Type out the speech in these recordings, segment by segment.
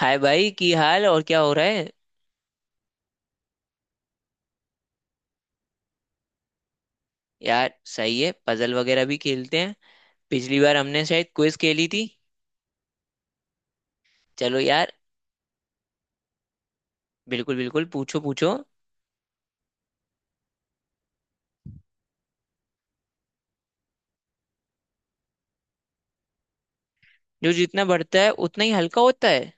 हाय भाई की हाल और क्या हो रहा है। यार सही है पजल वगैरह भी खेलते हैं। पिछली बार हमने शायद क्विज खेली थी। चलो यार। बिल्कुल बिल्कुल पूछो पूछो। जो जितना बढ़ता है उतना ही हल्का होता है।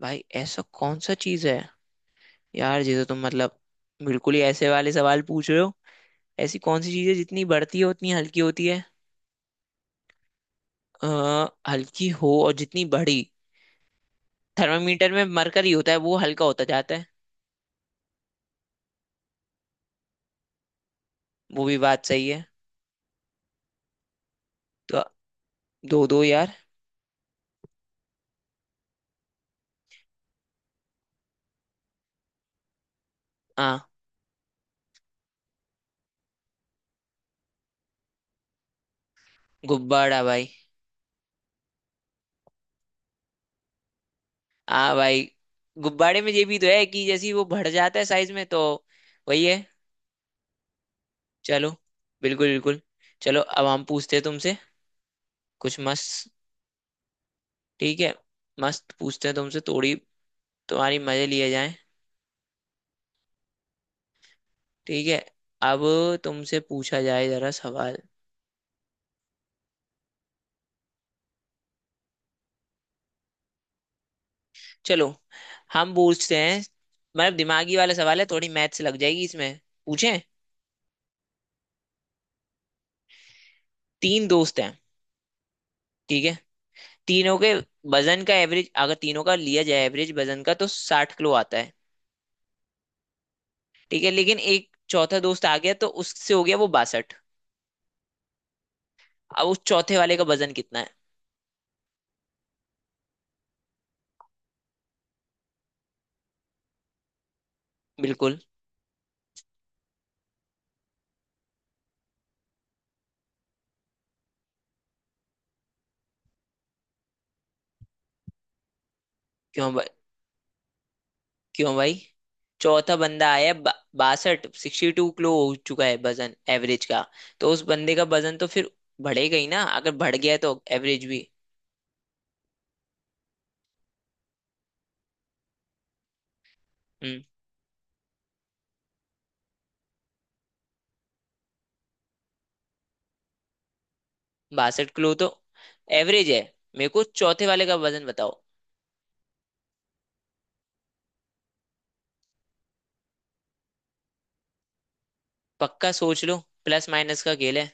भाई ऐसा कौन सा चीज है। यार जिसे तुम मतलब बिल्कुल ही ऐसे वाले सवाल पूछ रहे हो। ऐसी कौन सी चीज है जितनी बढ़ती है उतनी हल्की होती है। हल्की हो और जितनी बड़ी थर्मामीटर में मरकरी होता है वो हल्का होता जाता है। वो भी बात सही है। तो दो दो यार। हाँ। गुब्बारा भाई। हाँ भाई। गुब्बारे में ये भी तो है कि जैसे ही वो बढ़ जाता है साइज में तो वही है। चलो बिल्कुल बिल्कुल। चलो अब हम पूछते हैं तुमसे कुछ मस्त। ठीक है। मस्त पूछते हैं तुमसे थोड़ी। तुम्हारी मजे लिए जाएं। ठीक है। अब तुमसे पूछा जाए जरा सवाल। चलो हम पूछते हैं। मतलब दिमागी वाला सवाल है थोड़ी मैथ्स लग जाएगी इसमें। पूछें? तीन दोस्त हैं। ठीक है। तीनों के वजन का एवरेज अगर तीनों का लिया जाए एवरेज वजन का तो 60 किलो आता है। ठीक है लेकिन एक चौथा दोस्त आ गया तो उससे हो गया वो 62। अब उस चौथे वाले का वजन कितना है? बिल्कुल। क्यों भाई? क्यों भाई? चौथा बंदा आया बासठ 62 किलो हो चुका है वजन एवरेज का। तो उस बंदे का वजन तो फिर बढ़ेगा ही ना अगर बढ़ गया है तो एवरेज भी। हम्म 62 किलो तो एवरेज है। मेरे को चौथे वाले का वजन बताओ। पक्का सोच लो। प्लस माइनस का खेल है।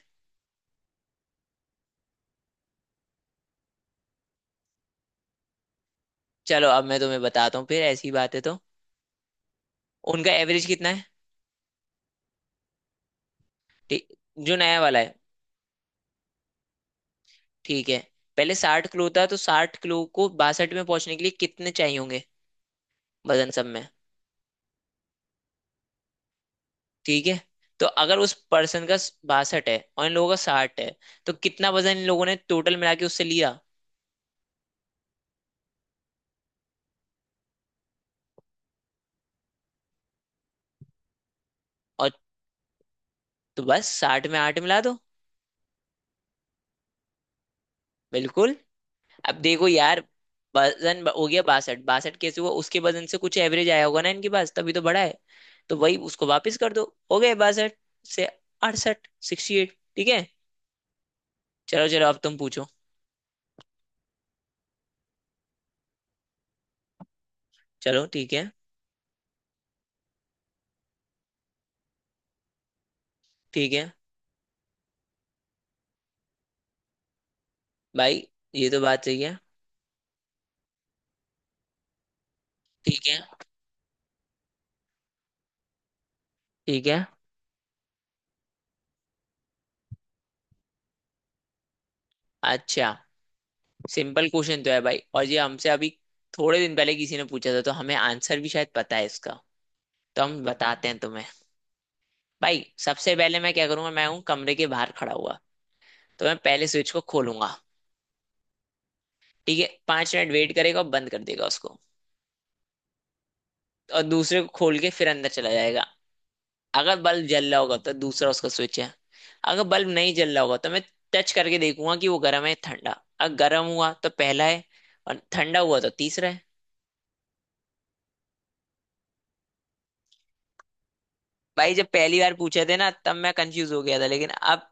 चलो अब मैं तुम्हें बताता हूँ फिर ऐसी बात है तो। उनका एवरेज कितना है? ठीक- जो नया वाला है। ठीक है। पहले 60 किलो था तो 60 किलो को 62 में पहुंचने के लिए कितने चाहिए होंगे वजन सब में? ठीक है। तो अगर उस पर्सन का 62 है और इन लोगों का 60 है तो कितना वजन इन लोगों ने टोटल मिला के उससे लिया? और? तो बस साठ में आठ मिला दो। बिल्कुल। अब देखो यार हो गया 62। 62 कैसे हुआ उसके वजन से कुछ एवरेज आया होगा ना इनके पास तभी तो बड़ा है। तो वही उसको वापस कर दो। हो गए 62 से 68 68। ठीक है। चलो चलो अब तुम पूछो। चलो ठीक है। ठीक है भाई ये तो बात सही है। ठीक है। ठीक है। अच्छा। सिंपल क्वेश्चन तो है भाई और ये हमसे अभी थोड़े दिन पहले किसी ने पूछा था तो हमें आंसर भी शायद पता है इसका। तो हम बताते हैं तुम्हें। भाई सबसे पहले मैं क्या करूंगा मैं हूँ कमरे के बाहर खड़ा हुआ तो मैं पहले स्विच को खोलूंगा। ठीक है 5 मिनट वेट करेगा और बंद कर देगा उसको। और दूसरे को खोल के फिर अंदर चला जाएगा। अगर बल्ब जल रहा होगा तो दूसरा उसका स्विच है। अगर बल्ब नहीं जल रहा होगा तो मैं टच करके देखूंगा कि वो गर्म है या ठंडा। अगर गर्म हुआ तो पहला है और ठंडा हुआ तो तीसरा है। भाई जब पहली बार पूछे थे ना तब मैं कंफ्यूज हो गया था लेकिन अब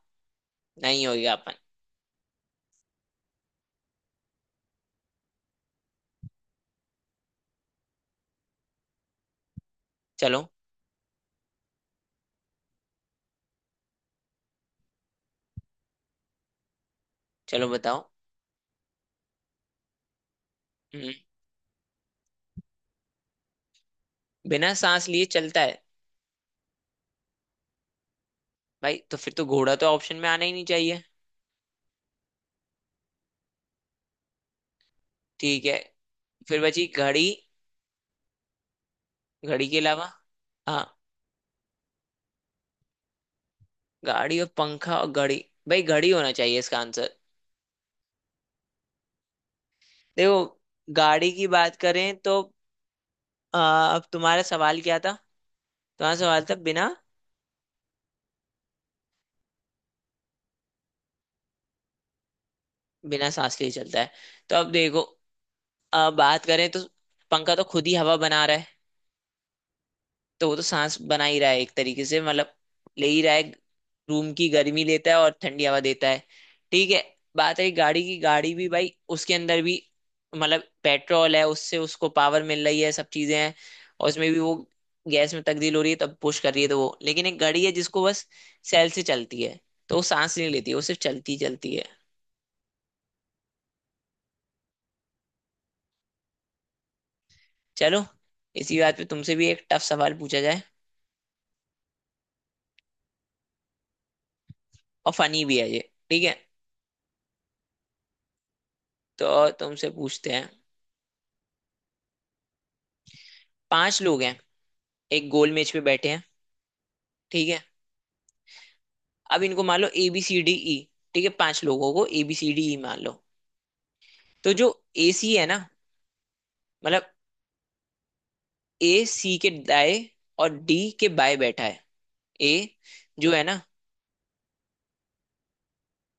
नहीं होगा अपन। चलो। चलो बताओ। हम्म। बिना सांस लिए चलता है। भाई तो फिर तो घोड़ा तो ऑप्शन में आना ही नहीं चाहिए। ठीक है। फिर बची घड़ी। घड़ी के अलावा। हाँ। गाड़ी और पंखा और घड़ी। भाई घड़ी होना चाहिए इसका आंसर। देखो गाड़ी की बात करें तो अ, अब तुम्हारा सवाल क्या था। तुम्हारा सवाल था बिना बिना सांस लिए चलता है। तो अब देखो बात करें तो पंखा तो खुद ही हवा बना रहा है। तो वो तो सांस बना ही रहा है एक तरीके से मतलब ले ही रहा है। रूम की गर्मी लेता है और ठंडी हवा देता है। ठीक है। बात रही गाड़ी की गाड़ी भी भाई उसके अंदर भी मतलब पेट्रोल है उससे उसको पावर मिल रही है सब चीजें हैं। और उसमें भी वो गैस में तब्दील हो रही है तब पुश कर रही है तो वो। लेकिन एक गाड़ी है जिसको बस सेल से चलती है। तो वो सांस नहीं लेती वो सिर्फ चलती ही चलती है। चलो इसी बात पे तुमसे भी एक टफ सवाल पूछा जाए। और फनी भी है ये। ठीक है। तो तुमसे पूछते हैं। पांच लोग हैं एक गोल मेज पे बैठे हैं। ठीक है। अब इनको मान लो A B C D E. ठीक है पांच लोगों को A B C D E मान लो। तो जो ए सी है ना मतलब ए सी के दाएं और डी के बाएं बैठा है ए जो है ना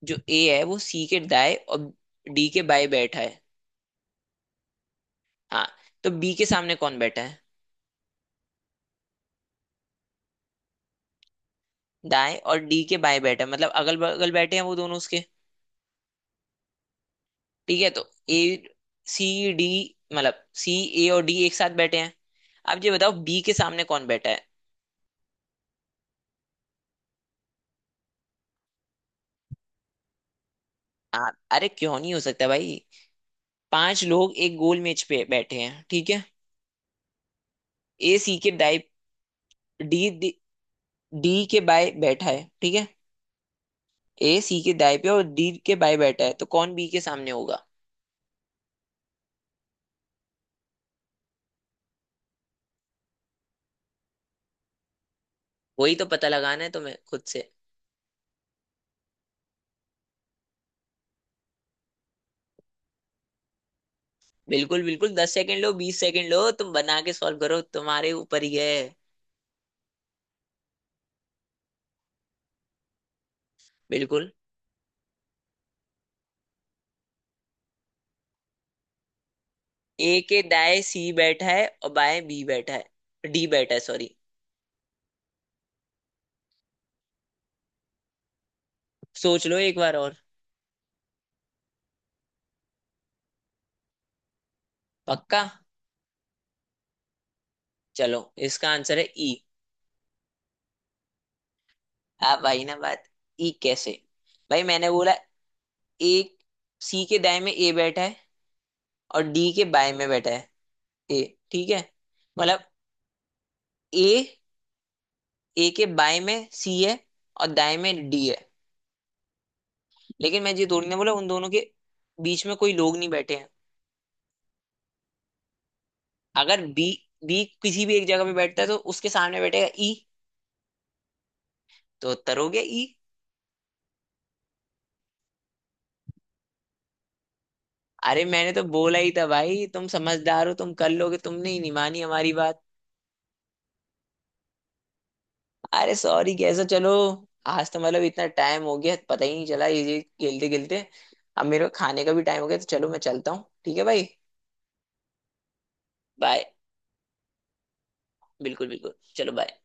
जो ए है वो सी के दाएं और डी के बाएं बैठा है। हाँ। तो बी के सामने कौन बैठा है दाएं और डी के बाएं बैठा है मतलब अगल बगल बैठे हैं वो दोनों उसके। ठीक है तो ए सी डी मतलब सी ए और डी एक साथ बैठे हैं। अब ये बताओ बी के सामने कौन बैठा है? हाँ अरे क्यों नहीं हो सकता भाई। पांच लोग एक गोल मेज पे बैठे हैं ठीक है। ए सी के दाई डी डी डी के बाय बैठा है ठीक है। ए सी के दाई पे और डी के बाय बैठा है तो कौन बी के सामने होगा? वही तो पता लगाना है तुम्हें खुद से। बिल्कुल बिल्कुल 10 सेकंड लो 20 सेकंड लो तुम बना के सॉल्व करो तुम्हारे ऊपर ही है। बिल्कुल। ए के दाएं सी बैठा है और बाएं बी बैठा है डी बैठा है सॉरी। सोच लो एक बार और। पक्का। चलो इसका आंसर है ई। अब भाई ना बात ई कैसे। भाई मैंने बोला एक सी के दाएं में ए बैठा है और डी के बाएं में बैठा है ए। ठीक है मतलब ए ए के बाएं में सी है और दाएं में डी है। लेकिन मैं ये थोड़ी ना बोला उन दोनों के बीच में कोई लोग नहीं बैठे हैं। अगर बी बी किसी भी एक जगह पे बैठता है तो उसके सामने बैठेगा ई। तो उत्तर हो गया ई। अरे मैंने तो बोला ही था भाई तुम समझदार हो तुम कर लोगे तुमने ही नहीं मानी हमारी बात। अरे सॉरी कैसा चलो। आज तो मतलब इतना टाइम हो गया पता ही नहीं चला ये खेलते खेलते। अब मेरे को खाने का भी टाइम हो गया तो चलो मैं चलता हूँ ठीक है भाई। बाय। बिल्कुल बिल्कुल चलो बाय।